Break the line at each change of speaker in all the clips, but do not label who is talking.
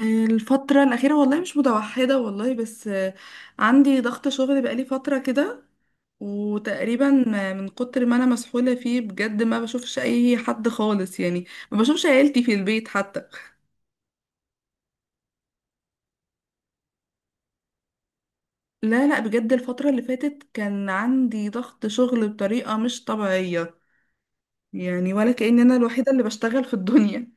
الفترة الأخيرة والله مش متوحدة والله بس عندي ضغط شغل بقالي فترة كده وتقريبا من كتر ما أنا مسحولة فيه بجد ما بشوفش أي حد خالص يعني ما بشوفش عيلتي في البيت حتى. لا لا، بجد الفترة اللي فاتت كان عندي ضغط شغل بطريقة مش طبيعية، يعني ولا كأن أنا الوحيدة اللي بشتغل في الدنيا.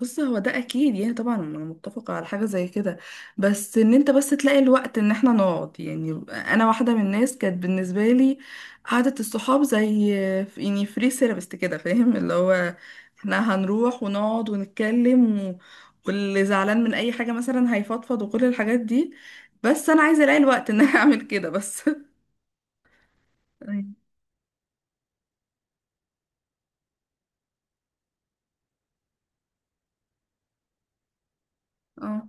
بص، هو ده اكيد، يعني طبعا انا متفقه على حاجه زي كده، بس ان انت بس تلاقي الوقت ان احنا نقعد. يعني انا واحده من الناس كانت بالنسبه لي قعده الصحاب زي يعني فري سيرابست كده، فاهم اللي هو احنا هنروح ونقعد ونتكلم و... واللي زعلان من اي حاجه مثلا هيفضفض وكل الحاجات دي، بس انا عايزه الاقي الوقت ان انا اعمل كده بس أيوة. اه،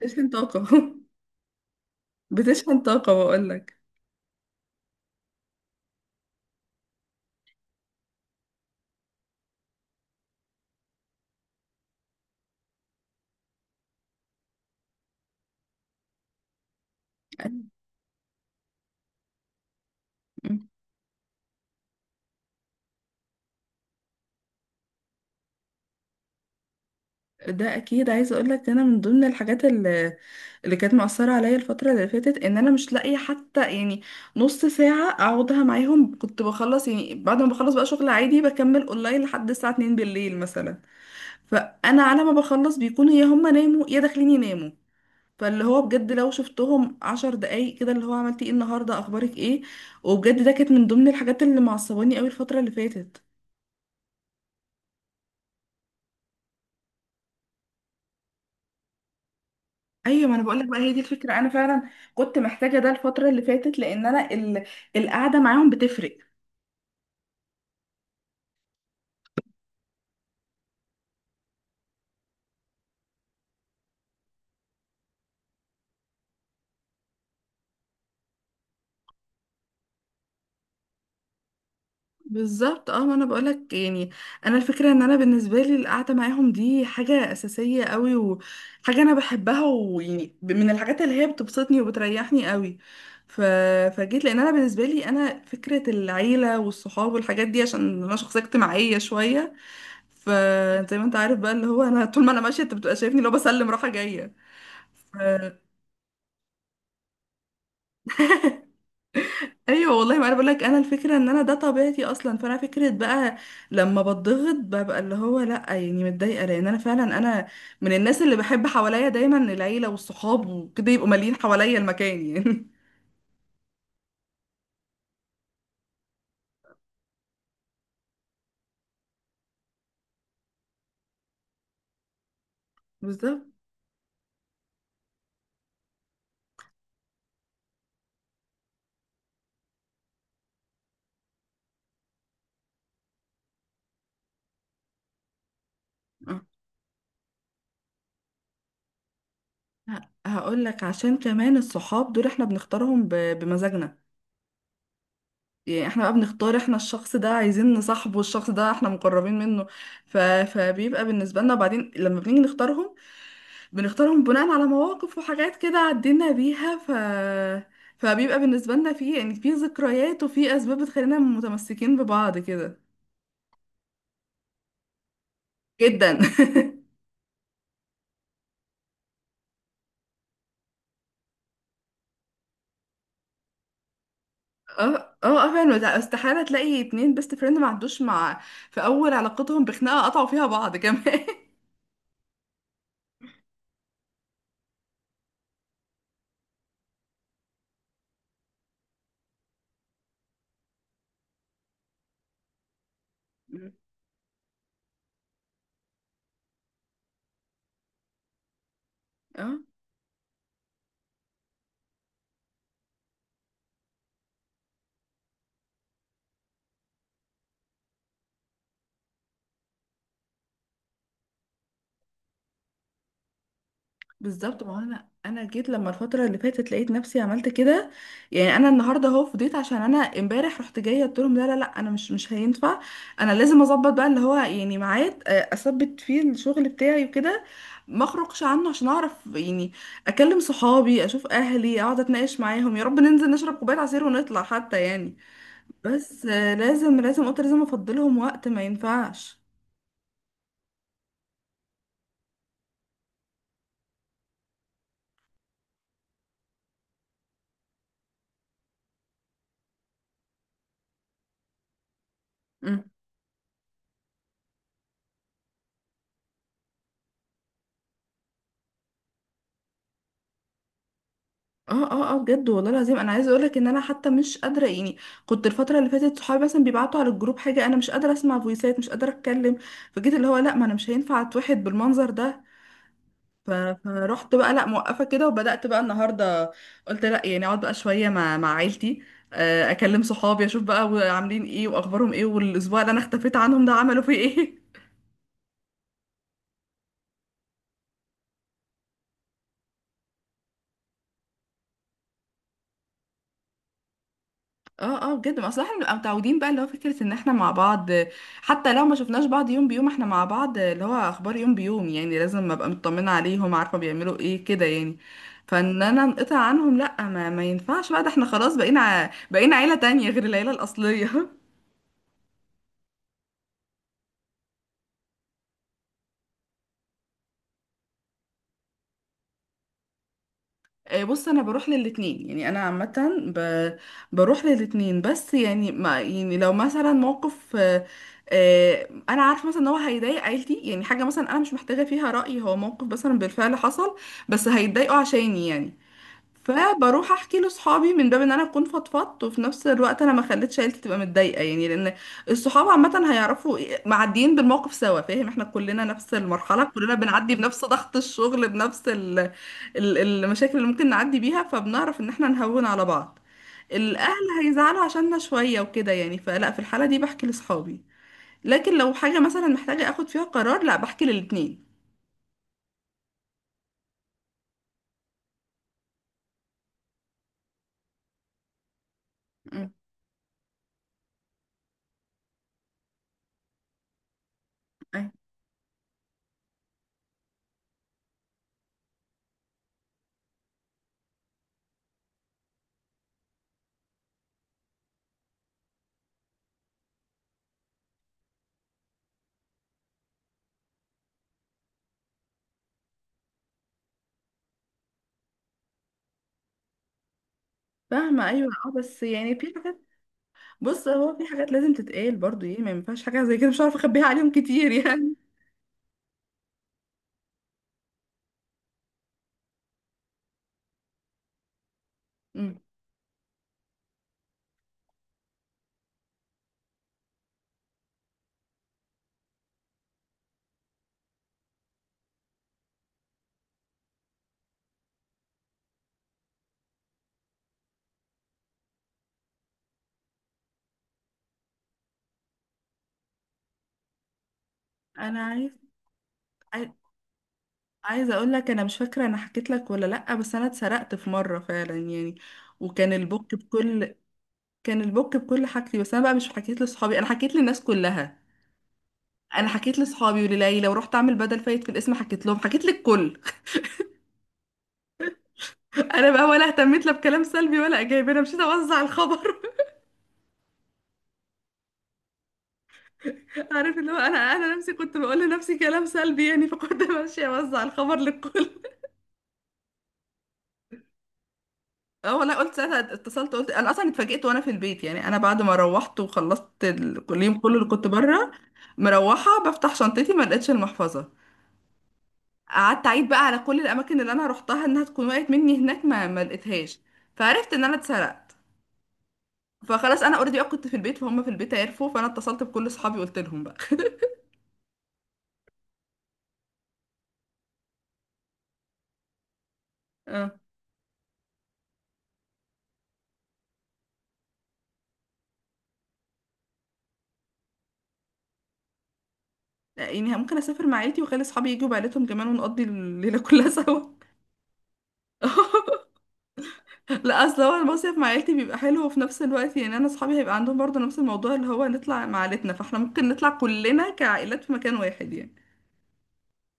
بتشحن طاقه بتشحن طاقه بقول لك. ده اكيد. عايزه اقول لك، انا من ضمن الحاجات اللي كانت مأثره عليا الفتره اللي فاتت ان انا مش لاقيه حتى يعني نص ساعه اقعدها معاهم. كنت بخلص يعني، بعد ما بخلص بقى شغل عادي بكمل اونلاين لحد الساعه 2 بالليل مثلا، فانا على ما بخلص بيكونوا يا هم ناموا يا داخلين يناموا. فاللي هو بجد لو شفتهم 10 دقايق كده اللي هو عملتي ايه النهارده، اخبارك ايه. وبجد ده كانت من ضمن الحاجات اللي معصباني قوي الفتره اللي فاتت. ايوه، ما انا بقول لك بقى، هي دي الفكره. انا فعلا كنت محتاجه ده الفتره اللي فاتت لان القعده معاهم بتفرق. بالظبط، اه، ما انا بقول لك يعني، انا الفكره ان انا بالنسبه لي القعده معاهم دي حاجه اساسيه قوي، وحاجه انا بحبها، ويعني من الحاجات اللي هي بتبسطني وبتريحني قوي. ف... فجيت لان انا بالنسبه لي انا فكره العيله والصحاب والحاجات دي، عشان انا شخصيه اجتماعيه شويه. فزي ما انت عارف بقى اللي هو انا طول ما انا ماشيه انت بتبقى شايفني، لو بسلم رايحه جايه. ايوه والله، ما انا بقول لك، انا الفكره ان انا ده طبيعتي اصلا. فانا فكره بقى لما بتضغط ببقى اللي هو لا يعني متضايقه، لان انا فعلا من الناس اللي بحب حواليا دايما العيله والصحاب وكده يبقوا مالين حواليا المكان يعني. بالظبط. آه. هقول لك، عشان كمان الصحاب دول احنا بنختارهم بمزاجنا. يعني احنا بقى بنختار احنا الشخص ده عايزين نصاحبه، الشخص ده احنا مقربين منه. فبيبقى بالنسبه لنا. وبعدين لما بنيجي نختارهم، بنختارهم بناء على مواقف وحاجات كده عدينا بيها. ف فبيبقى بالنسبة لنا في يعني في ذكريات وفي أسباب بتخلينا متمسكين ببعض كده جدا. اه اه اه، فعلا. وده استحالة تلاقي اتنين بيست فريند ما عندوش مع في أول علاقتهم بخناقة قطعوا فيها بعض كمان. مم. اه، بالظبط. ما هو انا جيت لما الفتره اللي فاتت لقيت نفسي عملت كده. يعني انا النهارده اهو فضيت، عشان انا امبارح رحت جايه قلت لهم لا لا لا، انا مش هينفع. انا لازم اظبط بقى اللي هو يعني ميعاد، اثبت فيه الشغل بتاعي وكده، ما اخرجش عنه عشان اعرف يعني اكلم صحابي، اشوف اهلي، اقعد اتناقش معاهم، يا رب ننزل نشرب كوبايه عصير ونطلع حتى يعني. بس لازم، قلت لازم افضلهم وقت، ما ينفعش. اه اه اه، بجد والله العظيم، انا عايزه اقولك ان انا حتى مش قادره. يعني كنت الفتره اللي فاتت صحابي مثلا بيبعتوا على الجروب حاجه، انا مش قادره اسمع فويسات، مش قادره اتكلم. فجيت اللي هو لا، ما انا مش هينفع اتوحد بالمنظر ده. ف- فرحت بقى لا موقفه كده، وبدات بقى النهارده قلت لا، يعني اقعد بقى شويه مع عيلتي، اكلم صحابي، اشوف بقى عاملين ايه واخبارهم ايه، والاسبوع اللي انا اختفيت عنهم ده عملوا فيه ايه. اه اه، بجد، ما اصل احنا بنبقى متعودين بقى اللي هو فكرة ان احنا مع بعض. حتى لو ما شفناش بعض يوم بيوم احنا مع بعض اللي هو اخبار يوم بيوم، يعني لازم ابقى مطمنة عليهم، عارفة بيعملوا ايه كده يعني. فان انا انقطع عنهم لا، ما ينفعش بقى. ده احنا خلاص بقينا بقينا عيلة تانية غير العيلة الاصلية. بص انا بروح للاتنين، يعني انا عامه بروح للاتنين. بس يعني ما يعني لو مثلا موقف، انا عارفه مثلا ان هو هيضايق عيلتي، يعني حاجه مثلا انا مش محتاجه فيها راي، هو موقف مثلا بالفعل حصل بس هيتضايقوا عشاني يعني. فبروح احكي لاصحابي من باب ان انا اكون فضفضت، وفي نفس الوقت انا ما خليتش عيلتي تبقى متضايقه يعني. لان الصحاب عامه هيعرفوا معديين بالموقف سوا، فاهم، احنا كلنا نفس المرحله، كلنا بنعدي بنفس ضغط الشغل، بنفس ال ال المشاكل اللي ممكن نعدي بيها، فبنعرف ان احنا نهون على بعض. الاهل هيزعلوا عشاننا شويه وكده يعني، فلا في الحاله دي بحكي لاصحابي. لكن لو حاجه مثلا محتاجه اخد فيها قرار، لا، بحكي للاتنين. مم. أي- فاهمة، أيوة، اه، بس يعني في حاجات. بص، هو في حاجات لازم تتقال برضو، ايه، ما ينفعش حاجة زي كده مش عارفة اخبيها عليهم كتير يعني. مم. انا عايز عاي- عايزه اقول لك، انا مش فاكره انا حكيت لك ولا لا، بس انا اتسرقت في مره فعلا يعني. وكان البوك بكل كان البوك بكل حاجتي. بس انا بقى مش حكيت لاصحابي، انا حكيت للناس كلها. انا حكيت لاصحابي ولليلى، ورحت اعمل بدل فايت في الاسم، حكيت لهم، حكيت للكل. انا بقى ولا اهتميت لا بكلام سلبي ولا ايجابي، انا مشيت اوزع الخبر. عارف اللي هو، انا نفسي كنت بقول لنفسي كلام سلبي يعني، فكنت ماشيه اوزع الخبر للكل. اه والله، قلت ساعتها، اتصلت قلت انا اصلا اتفاجئت وانا في البيت. يعني انا بعد ما روحت وخلصت كل اليوم كله اللي كنت بره، مروحه بفتح شنطتي، ما لقيتش المحفظه. قعدت اعيد بقى على كل الاماكن اللي انا روحتها انها تكون وقعت مني هناك، ما لقيتهاش، فعرفت ان انا اتسرقت. فخلاص انا اوريدي كنت في البيت، فهم في البيت عرفوا، فانا اتصلت بكل اصحابي قلت لهم بقى. اه. يعني ممكن اسافر مع عيلتي واخلي اصحابي يجوا بعيلتهم كمان، ونقضي الليله كلها سوا. لا، اصل هو المصيف مع عيلتي بيبقى حلو، وفي نفس الوقت يعني انا اصحابي هيبقى عندهم برضه نفس الموضوع اللي هو نطلع مع عيلتنا، فاحنا ممكن نطلع كلنا كعائلات في مكان واحد يعني.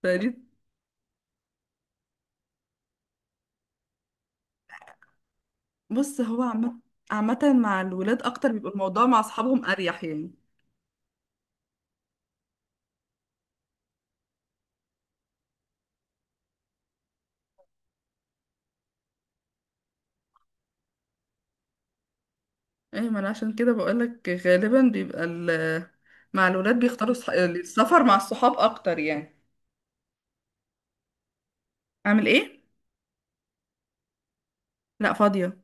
فدي. بص، هو عامة، عامة مع الولاد اكتر بيبقى الموضوع مع اصحابهم اريح يعني. ايه، ما انا عشان كده بقولك غالبا بيبقى مع الولاد بيختاروا السفر مع الصحاب اكتر يعني. اعمل ايه؟ لا، فاضية.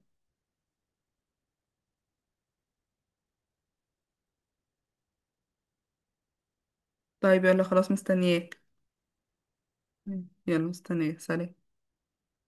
طيب يلا، خلاص مستنياك. مم. يلا مستنياك، سلام.